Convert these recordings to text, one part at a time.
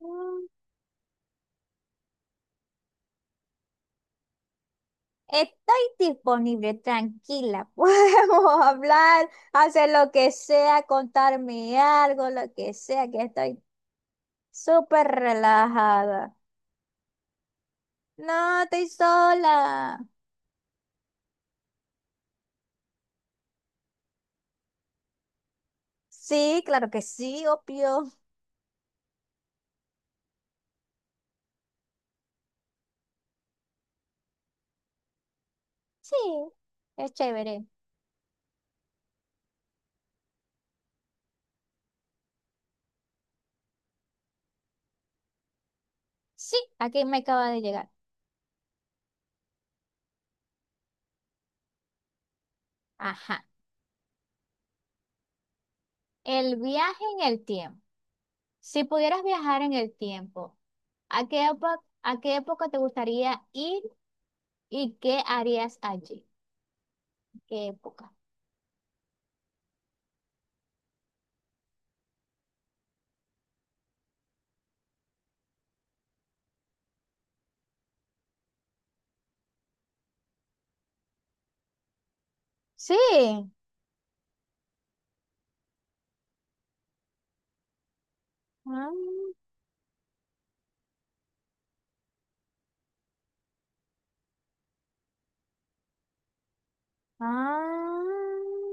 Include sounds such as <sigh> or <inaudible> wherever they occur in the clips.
Mm. Estoy disponible, tranquila. <laughs> Podemos hablar, hacer lo que sea, contarme algo, lo que sea, que estoy súper relajada. No, estoy sola. Sí, claro que sí, obvio. Sí, es chévere. Sí, aquí me acaba de llegar. Ajá. El viaje en el tiempo. Si pudieras viajar en el tiempo, ¿a qué época, a qué época te gustaría ir y qué harías allí? ¿Qué época? Sí. Ah, ah,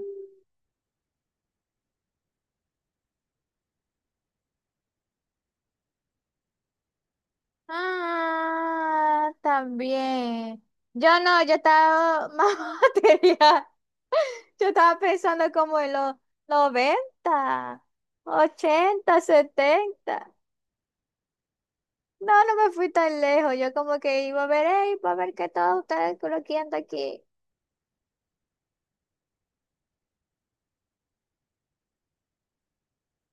ah, también. Yo no, yo estaba <laughs> más material. Yo estaba pensando como en los 90, 80, 70. No, no me fui tan lejos. Yo como que iba a ver, "Ey, iba a ver que todos ustedes coloquiando aquí".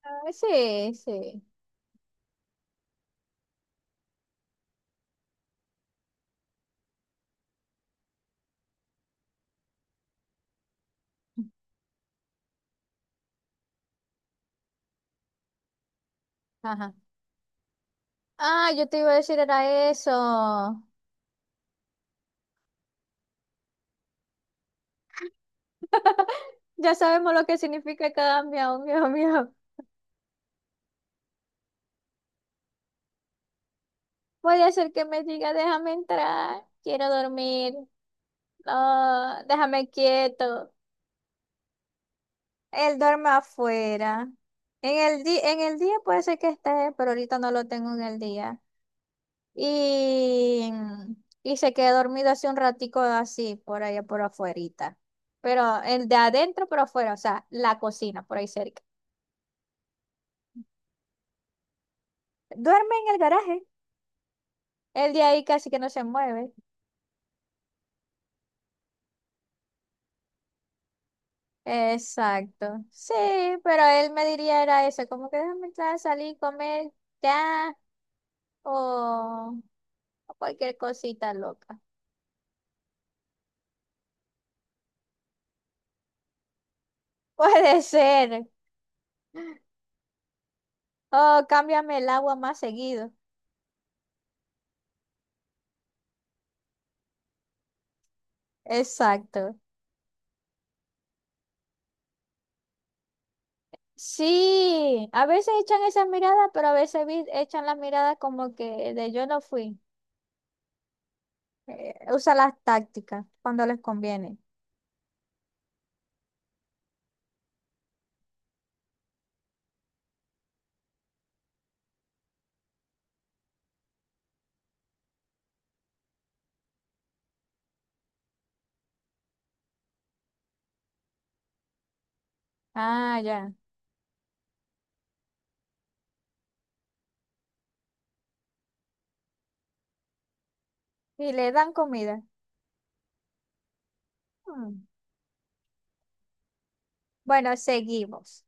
Ah, sí, sí. Ajá. Ah, yo te iba a decir era eso. Ya sabemos lo que significa cada miau, miau, miau. Puede ser que me diga, déjame entrar, quiero dormir, no, déjame quieto. Él duerme afuera. En el en el día puede ser que esté, pero ahorita no lo tengo en el día. Y, y se quedó dormido hace un ratico así, por allá por afuerita. Pero el de adentro, pero afuera, o sea, la cocina, por ahí cerca. Duerme en el garaje. El de ahí casi que no se mueve. Exacto. Sí, pero él me diría era eso, como que déjame entrar, salir, comer ya o, o cualquier cosita loca. <laughs> Puede ser. O cámbiame el agua más seguido. Exacto. Sí, a veces echan esas miradas, pero a veces echan las miradas como que de yo no fui. Usa las tácticas cuando les conviene. Ah, ya. Y le dan comida. Hmm. Bueno, seguimos.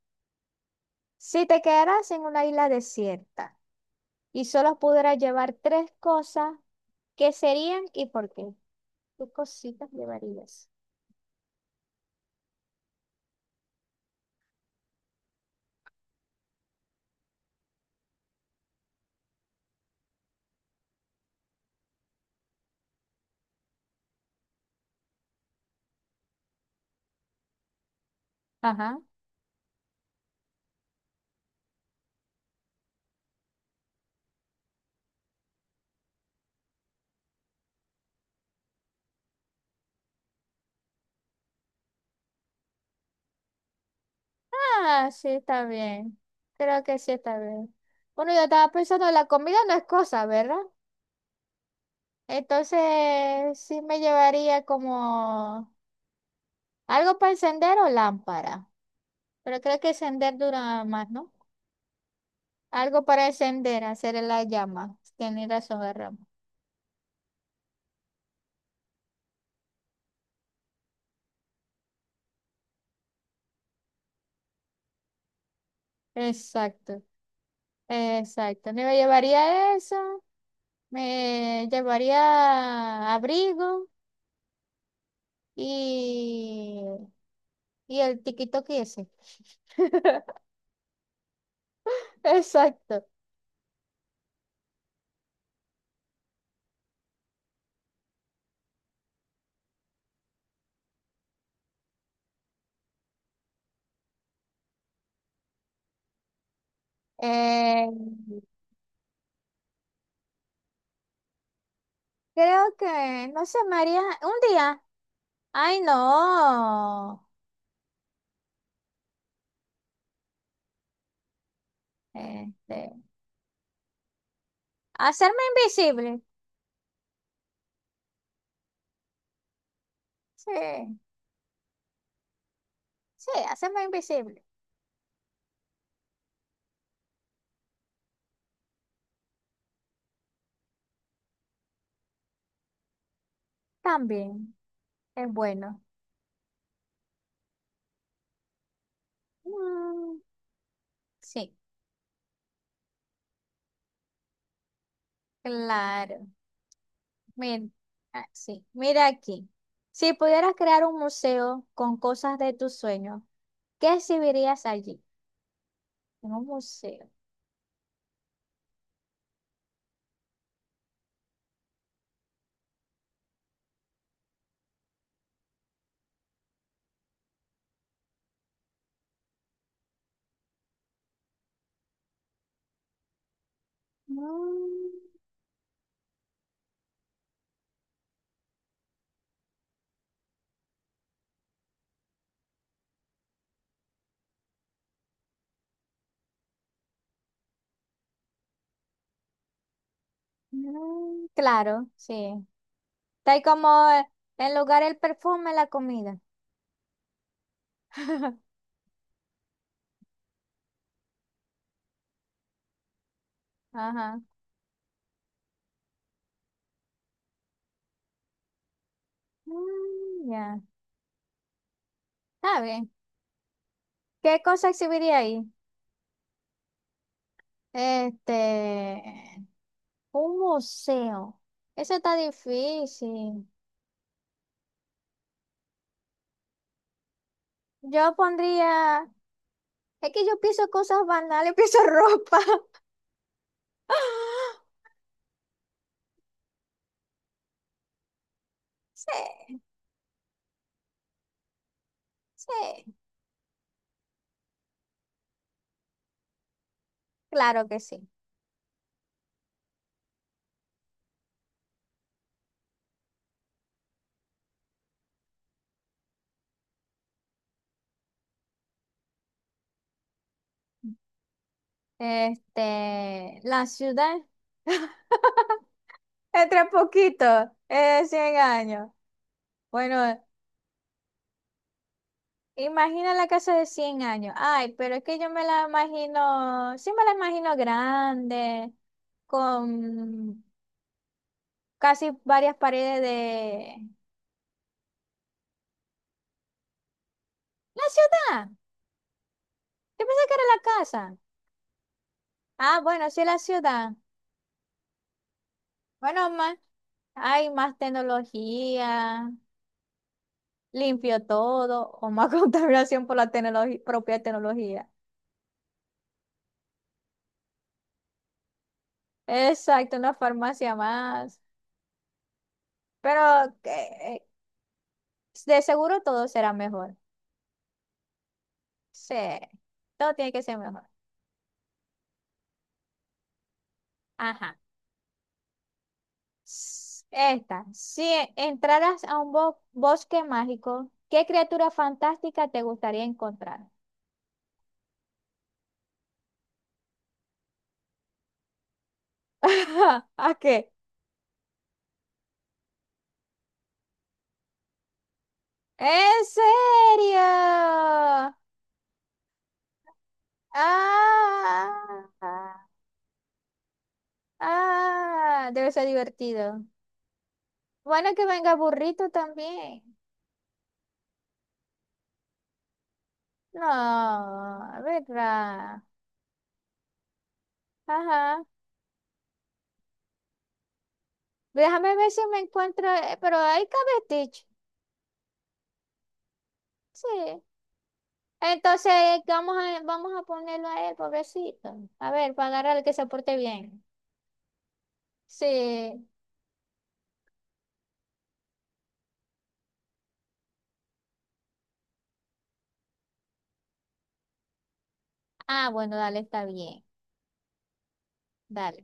Si te quedaras en una isla desierta y solo pudieras llevar tres cosas, ¿qué serían y por qué? ¿Qué cositas llevarías? Ajá. Ah, sí, está bien. Creo que sí está bien. Bueno, yo estaba pensando, la comida no es cosa, ¿verdad? Entonces, sí me llevaría como algo para encender o lámpara. Pero creo que encender dura más, ¿no? Algo para encender, hacer la llama. Tienes razón, Ramos. Exacto, exacto. Me llevaría eso. Me llevaría abrigo y, y el tiki-toki ese. <laughs> Exacto. Eh, creo que, no sé, María, un día. Ay, no. Este, hacerme invisible. Sí, sí, hacerme invisible. También es bueno. Mm, sí, claro. Mira, ah, sí, mira aquí. Si pudieras crear un museo con cosas de tus sueños, ¿qué exhibirías allí? En un museo. Mm, mm, claro, sí. Está ahí como en lugar el perfume, la comida. <laughs> Ajá. Mm, ya. Está bien. ¿Qué cosa exhibiría ahí? Este, un museo. Eso está difícil. Yo pondría. Es que yo pienso cosas banales, pienso ropa. <laughs> Sí, sí, claro que sí. Este, la ciudad, <laughs> entre poquito, es 100 años. Bueno, imagina la casa de 100 años. Ay, pero es que yo me la imagino, sí me la imagino grande, con casi varias paredes de... La ciudad, yo pensé que era la casa. Ah, bueno, sí, la ciudad. Bueno, más. Hay más tecnología, limpio todo, o más <laughs> contaminación por la tecnología propia tecnología. Exacto, una farmacia más. Pero que- de seguro todo será mejor. Sí, todo tiene que ser mejor. Ajá. Esta, si entraras a un bosque mágico, ¿qué criatura fantástica te gustaría encontrar? <laughs> ¿A qué? ¿En serio? ¡Ah! Ah, debe ser divertido. Bueno, que venga burrito también. No, ¿verdad? Ajá. Déjame ver si me encuentro, pero ahí cabe Stitch. Sí. Entonces vamos a, vamos a ponerlo a él, pobrecito. A ver, para agarrarle que se porte bien. Sí. Ah, bueno, dale, está bien. Dale.